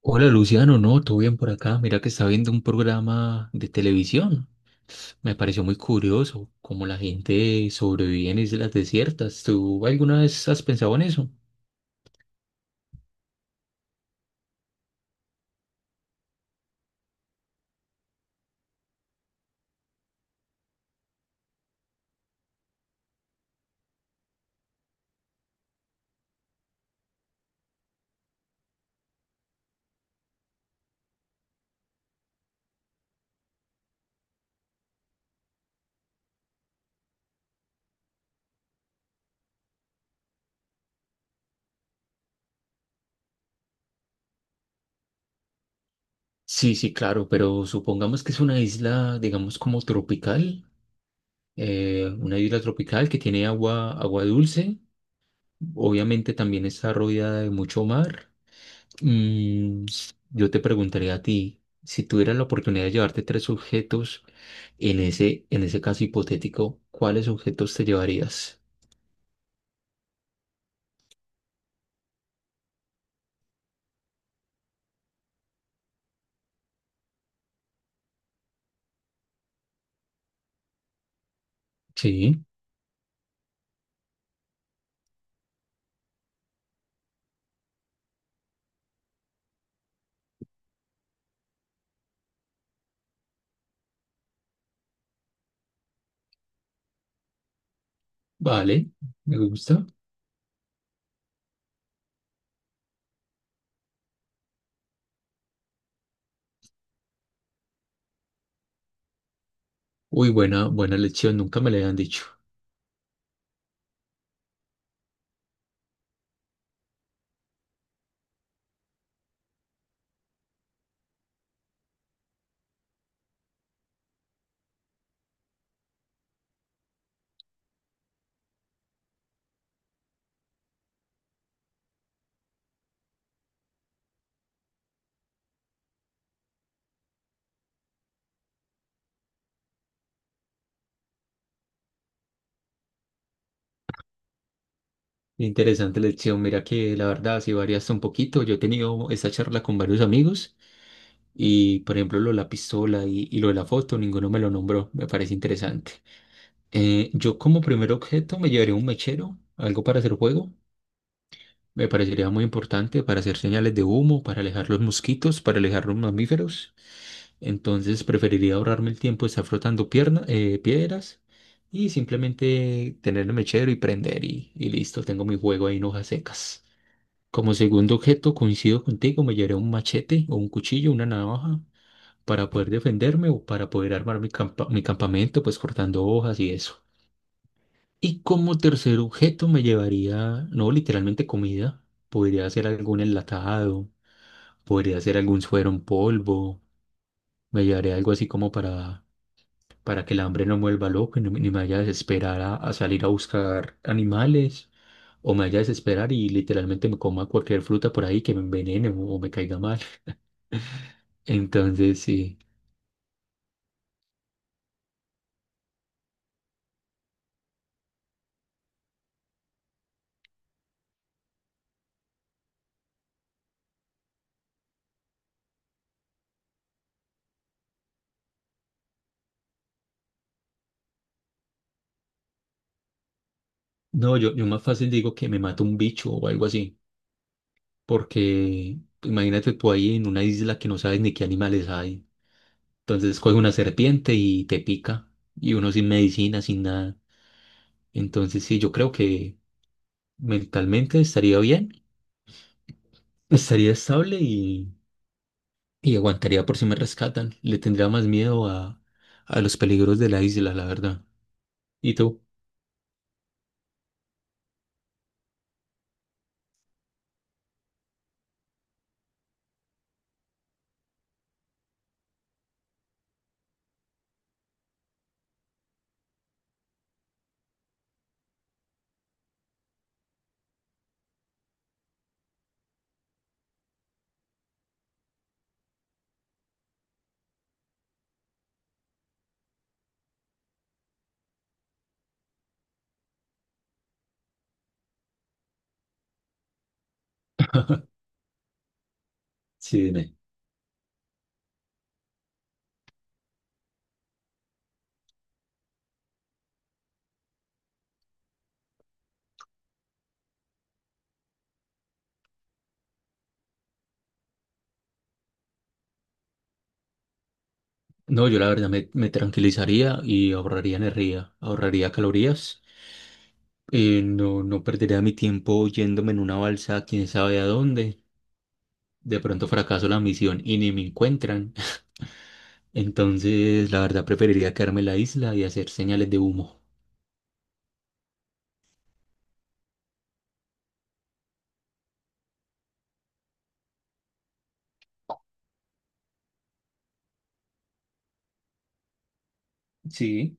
Hola Luciano, no, todo bien por acá. Mira que estaba viendo un programa de televisión. Me pareció muy curioso cómo la gente sobrevive en islas desiertas. ¿Tú alguna vez has pensado en eso? Sí, sí, claro, pero supongamos que es una isla, digamos, como tropical, una isla tropical que tiene agua dulce. Obviamente también está rodeada de mucho mar. Mm, yo te preguntaría a ti, si tuvieras la oportunidad de llevarte tres objetos. En ese caso hipotético, ¿cuáles objetos te llevarías? Sí, vale, me gusta. Uy, buena lección, nunca me la habían dicho. Interesante lección, mira que la verdad sí varía hasta un poquito. Yo he tenido esta charla con varios amigos y, por ejemplo, lo de la pistola y lo de la foto, ninguno me lo nombró, me parece interesante. Yo como primer objeto me llevaría un mechero, algo para hacer fuego. Me parecería muy importante para hacer señales de humo, para alejar los mosquitos, para alejar los mamíferos. Entonces preferiría ahorrarme el tiempo de estar frotando piedras y simplemente tener el mechero y prender y listo, tengo mi juego ahí en hojas secas. Como segundo objeto, coincido contigo, me llevaré un machete o un cuchillo, una navaja para poder defenderme o para poder armar mi campamento, pues cortando hojas y eso. Y como tercer objeto me llevaría, no literalmente comida, podría ser algún enlatado, podría ser algún suero en polvo, me llevaría algo así como para que el hambre no me vuelva loco y no, ni me vaya a desesperar a salir a buscar animales, o me vaya a desesperar y literalmente me coma cualquier fruta por ahí que me envenene o me caiga mal. Entonces, sí. No, yo más fácil digo que me mata un bicho o algo así, porque imagínate tú ahí en una isla que no sabes ni qué animales hay. Entonces coge una serpiente y te pica, y uno sin medicina, sin nada. Entonces sí, yo creo que mentalmente estaría bien, estaría estable y aguantaría por si me rescatan. Le tendría más miedo a los peligros de la isla, la verdad. ¿Y tú? Sí, dime. No, yo la verdad me tranquilizaría y ahorraría energía, ahorraría calorías. No, no perdería mi tiempo yéndome en una balsa, quién sabe a dónde. De pronto fracaso la misión y ni me encuentran. Entonces, la verdad, preferiría quedarme en la isla y hacer señales de humo. Sí.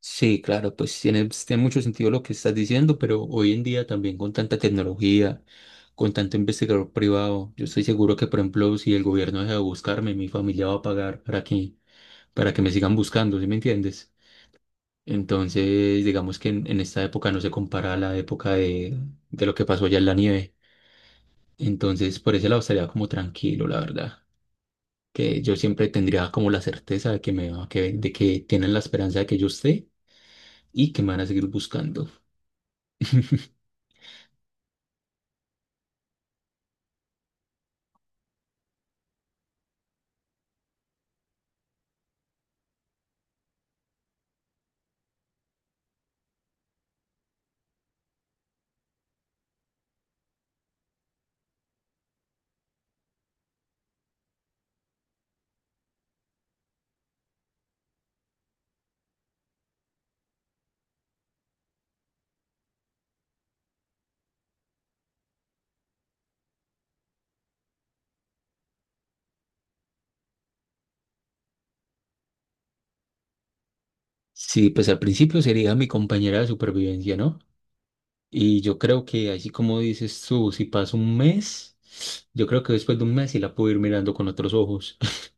Sí, claro, pues tiene, tiene mucho sentido lo que estás diciendo, pero hoy en día también con tanta tecnología, con tanto investigador privado, yo estoy seguro que, por ejemplo, si el gobierno deja de buscarme, mi familia va a pagar para que me sigan buscando, ¿sí me entiendes? Entonces, digamos que en esta época no se compara a la época de lo que pasó allá en la nieve. Entonces, por ese lado estaría como tranquilo, la verdad. Que yo siempre tendría como la certeza de que que, de que tienen la esperanza de que yo esté y que me van a seguir buscando. Sí, pues al principio sería mi compañera de supervivencia, ¿no? Y yo creo que así como dices tú, si pasa un mes, yo creo que después de un mes sí la puedo ir mirando con otros ojos.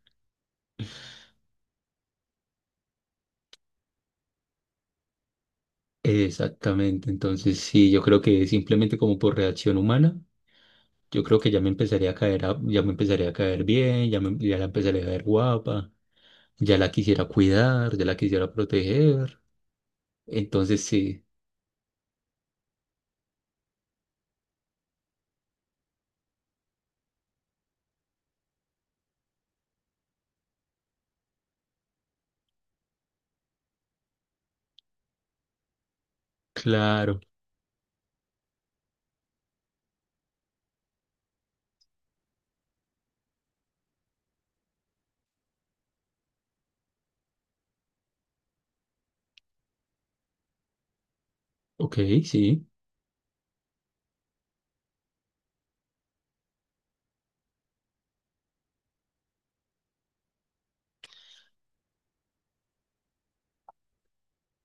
Exactamente, entonces sí, yo creo que simplemente como por reacción humana, yo creo que ya me empezaría a caer, ya me empezaría a caer bien, ya me, ya la empezaría a ver guapa. Ya la quisiera cuidar, ya la quisiera proteger. Entonces sí, claro. Ok, sí.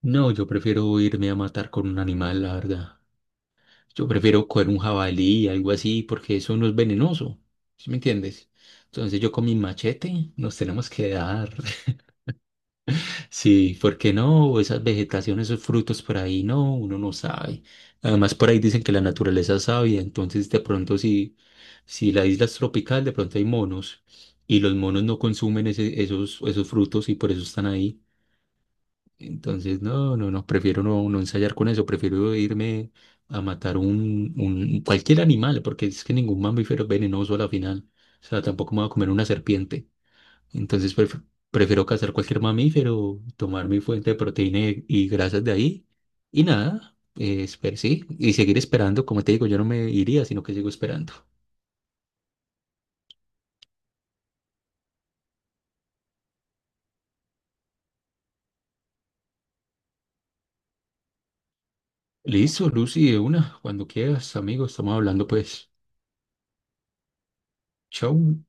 No, yo prefiero irme a matar con un animal, la verdad. Yo prefiero coger un jabalí, algo así, porque eso no es venenoso. ¿Sí me entiendes? Entonces yo con mi machete nos tenemos que dar. Sí, porque no? Esas vegetaciones, esos frutos por ahí, no, uno no sabe. Además, por ahí dicen que la naturaleza es sabia, entonces de pronto si, si la isla es tropical, de pronto hay monos y los monos no consumen esos, esos frutos y por eso están ahí. Entonces, no, no, no, prefiero no, no ensayar con eso, prefiero irme a matar un cualquier animal, porque es que ningún mamífero es venenoso a la final. O sea, tampoco me voy a comer una serpiente. Entonces pref- Prefiero cazar cualquier mamífero, tomar mi fuente de proteína y grasas de ahí y nada, sí, y seguir esperando. Como te digo, yo no me iría, sino que sigo esperando. Listo, Lucy, de una, cuando quieras, amigo estamos hablando pues. Chau.